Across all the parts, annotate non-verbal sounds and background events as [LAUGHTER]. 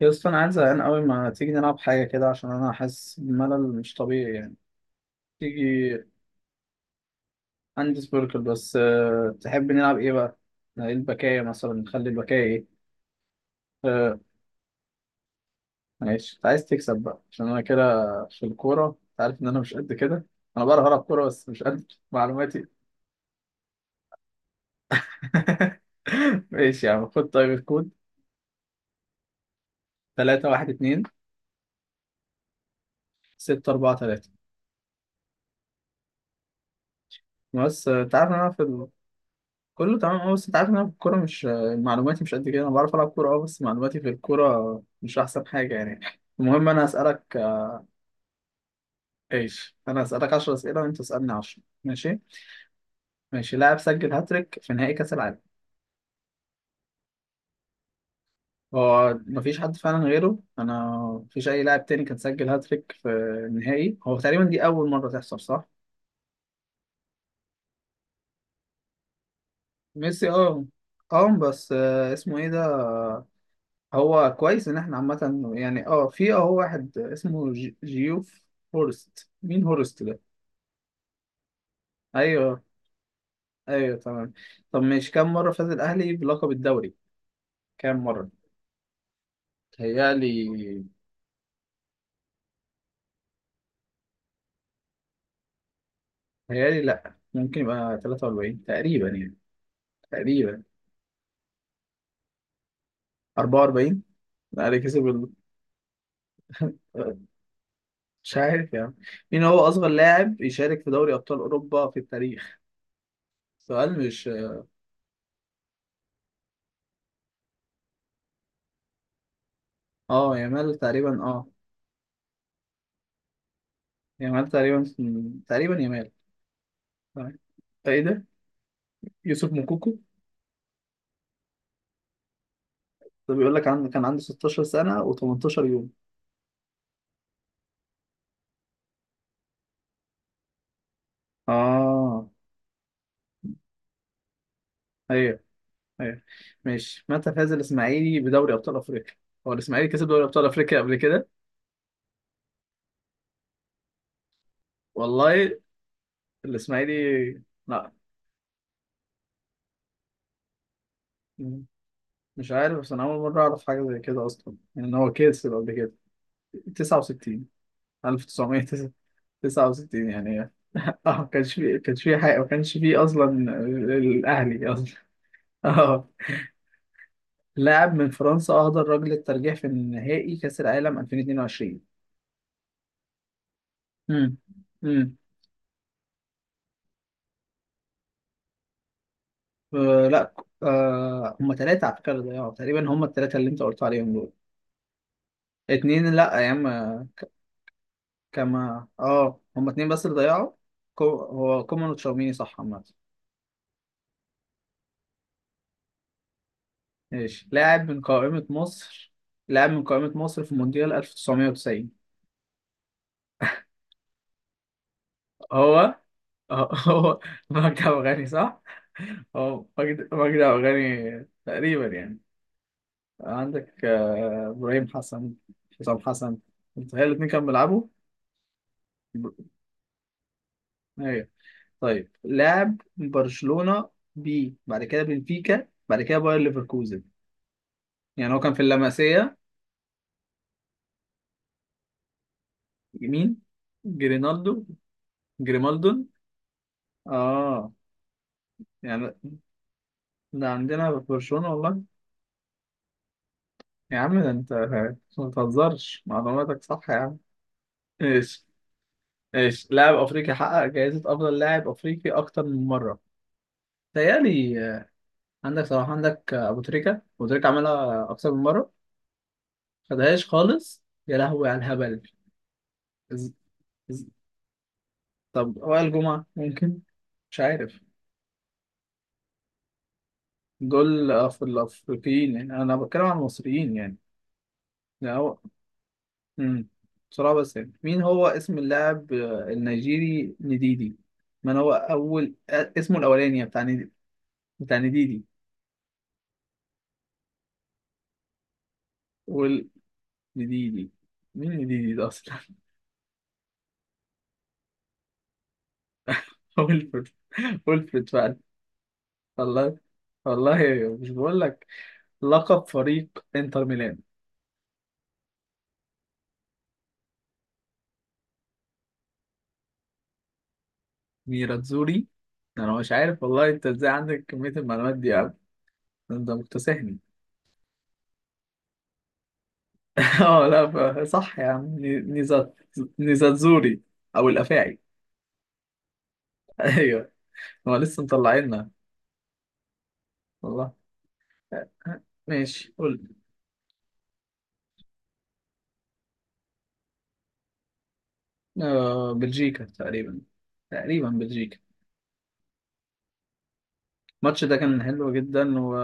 يا اسطى، انا عايز زهقان قوي. ما تيجي نلعب حاجه كده عشان انا حاسس بملل مش طبيعي يعني. تيجي. عندي سبيركل، بس تحب نلعب ايه بقى؟ نقل البكايه مثلا، نخلي البكايه ايه. أه... ماشي، انت عايز تكسب بقى عشان انا كده. في الكوره انت عارف ان انا مش قد كده. انا بعرف العب كوره بس مش قد معلوماتي. [LAUGHS] ماشي يا عم، خد طيب الكود. 3 1 2 6 4 3. بس انت عارف إن انا في... كله تمام، اه، بس انت عارف ان انا في الكوره مش... معلوماتي مش قد كده. انا بعرف العب كوره، اه، بس معلوماتي في الكوره مش احسن حاجه يعني. المهم انا اسالك. ايش، انا اسالك 10 اسئله وانت تسالني 10، ماشي؟ ماشي. لاعب سجل هاتريك في نهائي كاس العالم. هو مفيش حد فعلا غيره. انا مفيش اي لاعب تاني كان سجل هاتريك في النهائي، هو تقريبا دي اول مره تحصل، صح؟ ميسي، اه. اه، بس اسمه ايه ده؟ هو كويس ان احنا عامة يعني. اه في واحد اسمه جيوف هورست. مين هورست ده؟ ايوه، ايوه، تمام. طب ماشي، كم مرة فاز الاهلي بلقب الدوري؟ كام مرة؟ تهيألي تهيألي، لا، ممكن يبقى 43 تقريبا يعني، تقريبا. 44. الاهلي كسب مش عارف يعني. مين هو اصغر لاعب يشارك في دوري ابطال اوروبا في التاريخ؟ سؤال مش... اه، يامال تقريبا، اه. يامال تقريبا، تقريبا يامال. تمام. ايه ده؟ يوسف موكوكو. ده بيقول لك كان عندي 16 سنة و18 يوم. اه. ايوه، ايوه. ماشي، متى فاز الاسماعيلي بدوري ابطال افريقيا؟ هو الاسماعيلي كسب دوري ابطال افريقيا قبل كده؟ والله. الاسماعيلي، لا، م- مش عارف. بس انا اول مرة اعرف حاجة زي كده اصلا، يعني ان هو كسب قبل كده. 69. 1969. يعني اه، ما كانش فيه، حاجة، ما كانش فيه اصلا. الاهلي اصلا. [LAUGHS] اه، لاعب من فرنسا اهدر رجل الترجيح في نهائي كأس العالم 2022. امم امم لا، آه هم ثلاثة على فكرة، اللي ضيعوا تقريبا هم الثلاثة اللي انت قلت عليهم دول. اتنين، لا يا عم. ك- كما، هم اتنين بس اللي ضيعوا. هو كومان وتشاوميني، صح عامة. ماشي، لاعب من قائمة مصر في مونديال 1990. هو، هو، [LAUGHS] هو مجدي عبد الغني، صح؟ هو مجدي، عبد الغني، تقريبا يعني. عندك إبراهيم حسن، حسام حسن، متخيل الاتنين كانوا بيلعبوا؟ ايوه. طيب لعب برشلونة، بعد كده بنفيكا، بعد كده باير ليفركوزن. يعني هو كان في اللمسية. مين؟ جرينالدو. جريمالدون، اه. يعني ده عندنا في برشلونة والله. يا عم، ده انت ما بتهزرش، معلوماتك صح يا عم. ايش ايش، لاعب افريقي حقق جائزة افضل لاعب افريقي اكتر من مرة. تهيألي عندك صلاح، عندك ابو تريكة عملها اكتر من مرة. خدهاش خالص، يا لهوي على الهبل. إز- إز- طب، وائل جمعة ممكن. مش عارف. دول الأفريقيين يعني، أنا بتكلم عن المصريين يعني. لا، هو. مم. بسرعة بس يعني، مين هو اسم اللاعب النيجيري نديدي؟ من هو أول اسمه الأولاني يعني، بتاع نديدي، بتاع نديدي؟ ويل نديدي. مين نديدي ده أصلا؟ [LAUGHS] ويلفرد، ويلفرد فعلا. والله، والله، مش بقول لك. لقب فريق انتر ميلان. ميراتزوري. انا مش عارف والله، انت ازاي عندك كمية المعلومات دي يا عم. انت مكتسحني. اه، لا، صح يا عم، نيزات، نيزاتزوري، او الافاعي. [LAUGHS] ايوه، هو لسه مطلعيننا، والله. ماشي، قول. آه، بلجيكا تقريبا، تقريبا بلجيكا. الماتش ده كان حلو جدا، و...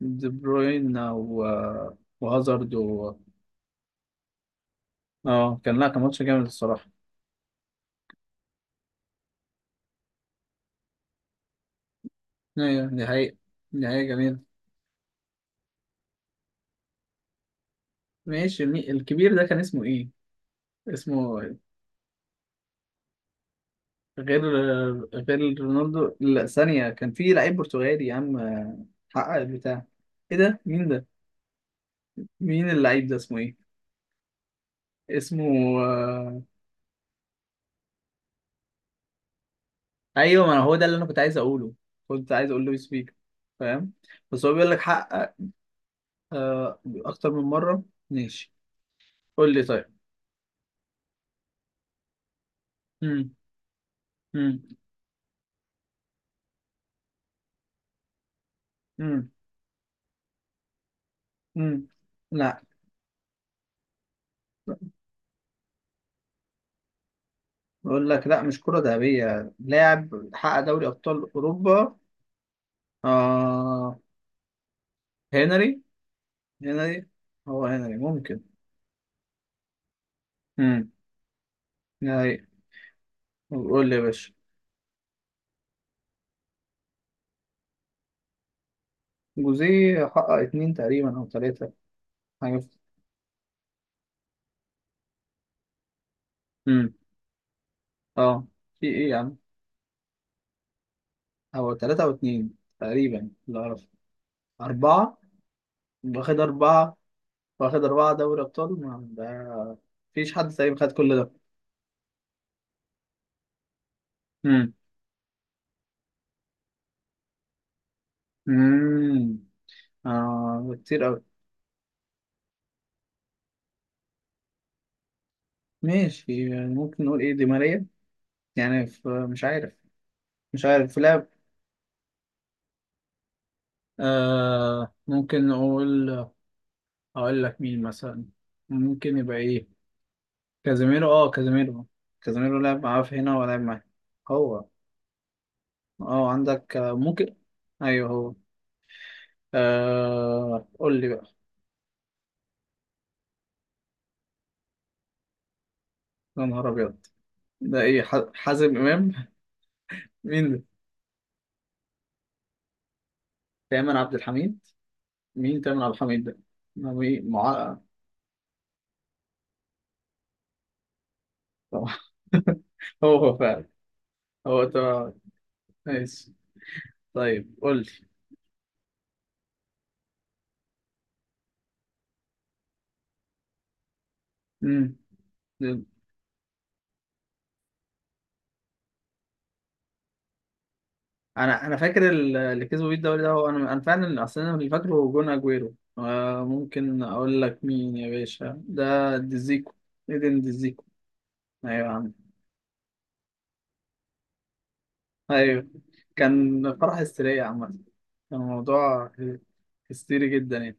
دي بروين، و... وهازارد، و... اه كان لا كان ماتش جامد الصراحة. ايوه دي حقيقة. دي حقيقة جميلة. ماشي، الكبير ده كان اسمه ايه؟ اسمه... غير غير رونالدو، لا، ثانية، كان في لعيب برتغالي يا عم، حقق البتاع. ايه ده، مين ده؟ مين اللعيب ده، اسمه ايه؟ اسمه... آه، ايوه، ما أنا هو ده اللي انا كنت عايز اقوله، كنت عايز اقول لويس فيجو. فاهم؟ بس هو بيقول لك حقق اكتر من مرة. ماشي، قول لي طيب. مم. مم. مم. مم. لا، بقول لك لا، مش كرة ذهبية، لاعب حقق دوري ابطال اوروبا. آه، هنري، هنري. هو هنري ممكن. امم نهائي. قول لي يا باشا. جوزيه حقق اتنين تقريبا او تلاتة. حاجة امم اه. في ايه يا عم؟ هو تلاتة او اتنين تقريبا اللي اعرف. اربعة. واخد اربعة، واخد اربعة دوري ابطال، ما ده مفيش حد تقريبا خد كل ده. امم. امم اه، كتير اوي. ماشي، يعني ممكن نقول ايه، دي ماريا يعني في... مش عارف. مش عارف، في لعب. آه ممكن نقول... هقول لك مين مثلا ممكن يبقى. ايه؟ كازيميرو. اه، كازيميرو. كازيميرو لعب معاه في هنا، ولعب معاه هو. اه، عندك ممكن. ايوه، هو. قول لي بقى. يا نهار ابيض، ده ايه، حازم امام؟ مين ده؟ تامر عبد الحميد. مين تامر عبد الحميد ده؟ ما مين مع... طبعا. [LAUGHS] هو فعلا هو، طبعا. ماشي، طيب قول لي. مم. انا فاكر اللي كسبوا بيه الدوري ده، هو انا فعلا اصلا انا اللي فاكره. جون اجويرو، ممكن اقول لك مين يا باشا؟ ده ديزيكو، ايدن ديزيكو. ايوه يا عم. ايوه، كان فرح هستيرية عامة، كان الموضوع هستيري جدا يعني.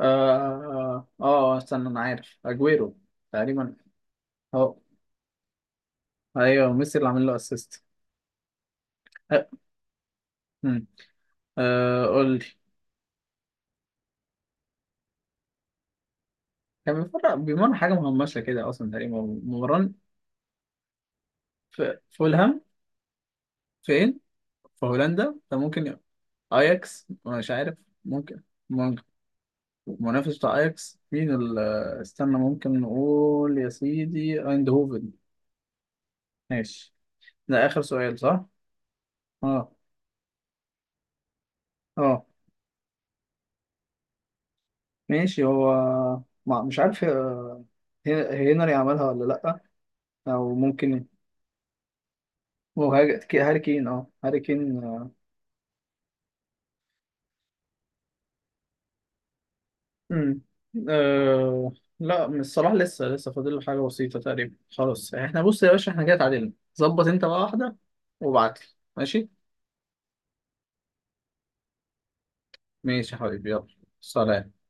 اه، اه، استنى، انا عارف، اجويرو تقريبا. اه. ايوه، ميسي اللي عامل له اسيست. آه. مم. قول لي. كان بيمرن، حاجه مهمشه كده اصلا تقريبا، ممرن في فولهام؟ فين؟ في هولندا، فممكن اياكس، مش عارف. ممكن. ممكن المنافس بتاع اياكس مين استنى، ممكن نقول يا سيدي ايندهوفن. ماشي. ده اخر سؤال، صح؟ اه، اه. ماشي، هو ما مش عارف. هنري عملها ولا لا؟ او ممكن هو هاري كين. اه، هاري كين، آه. مم. آه، لا، من الصلاح لسه لسه فاضل له حاجه بسيطه تقريبا. خلاص احنا، بص يا باشا، احنا كده اتعادلنا. ظبط انت بقى واحده وابعت لي. ماشي. ماشي يا حبيبي، يلا، سلام.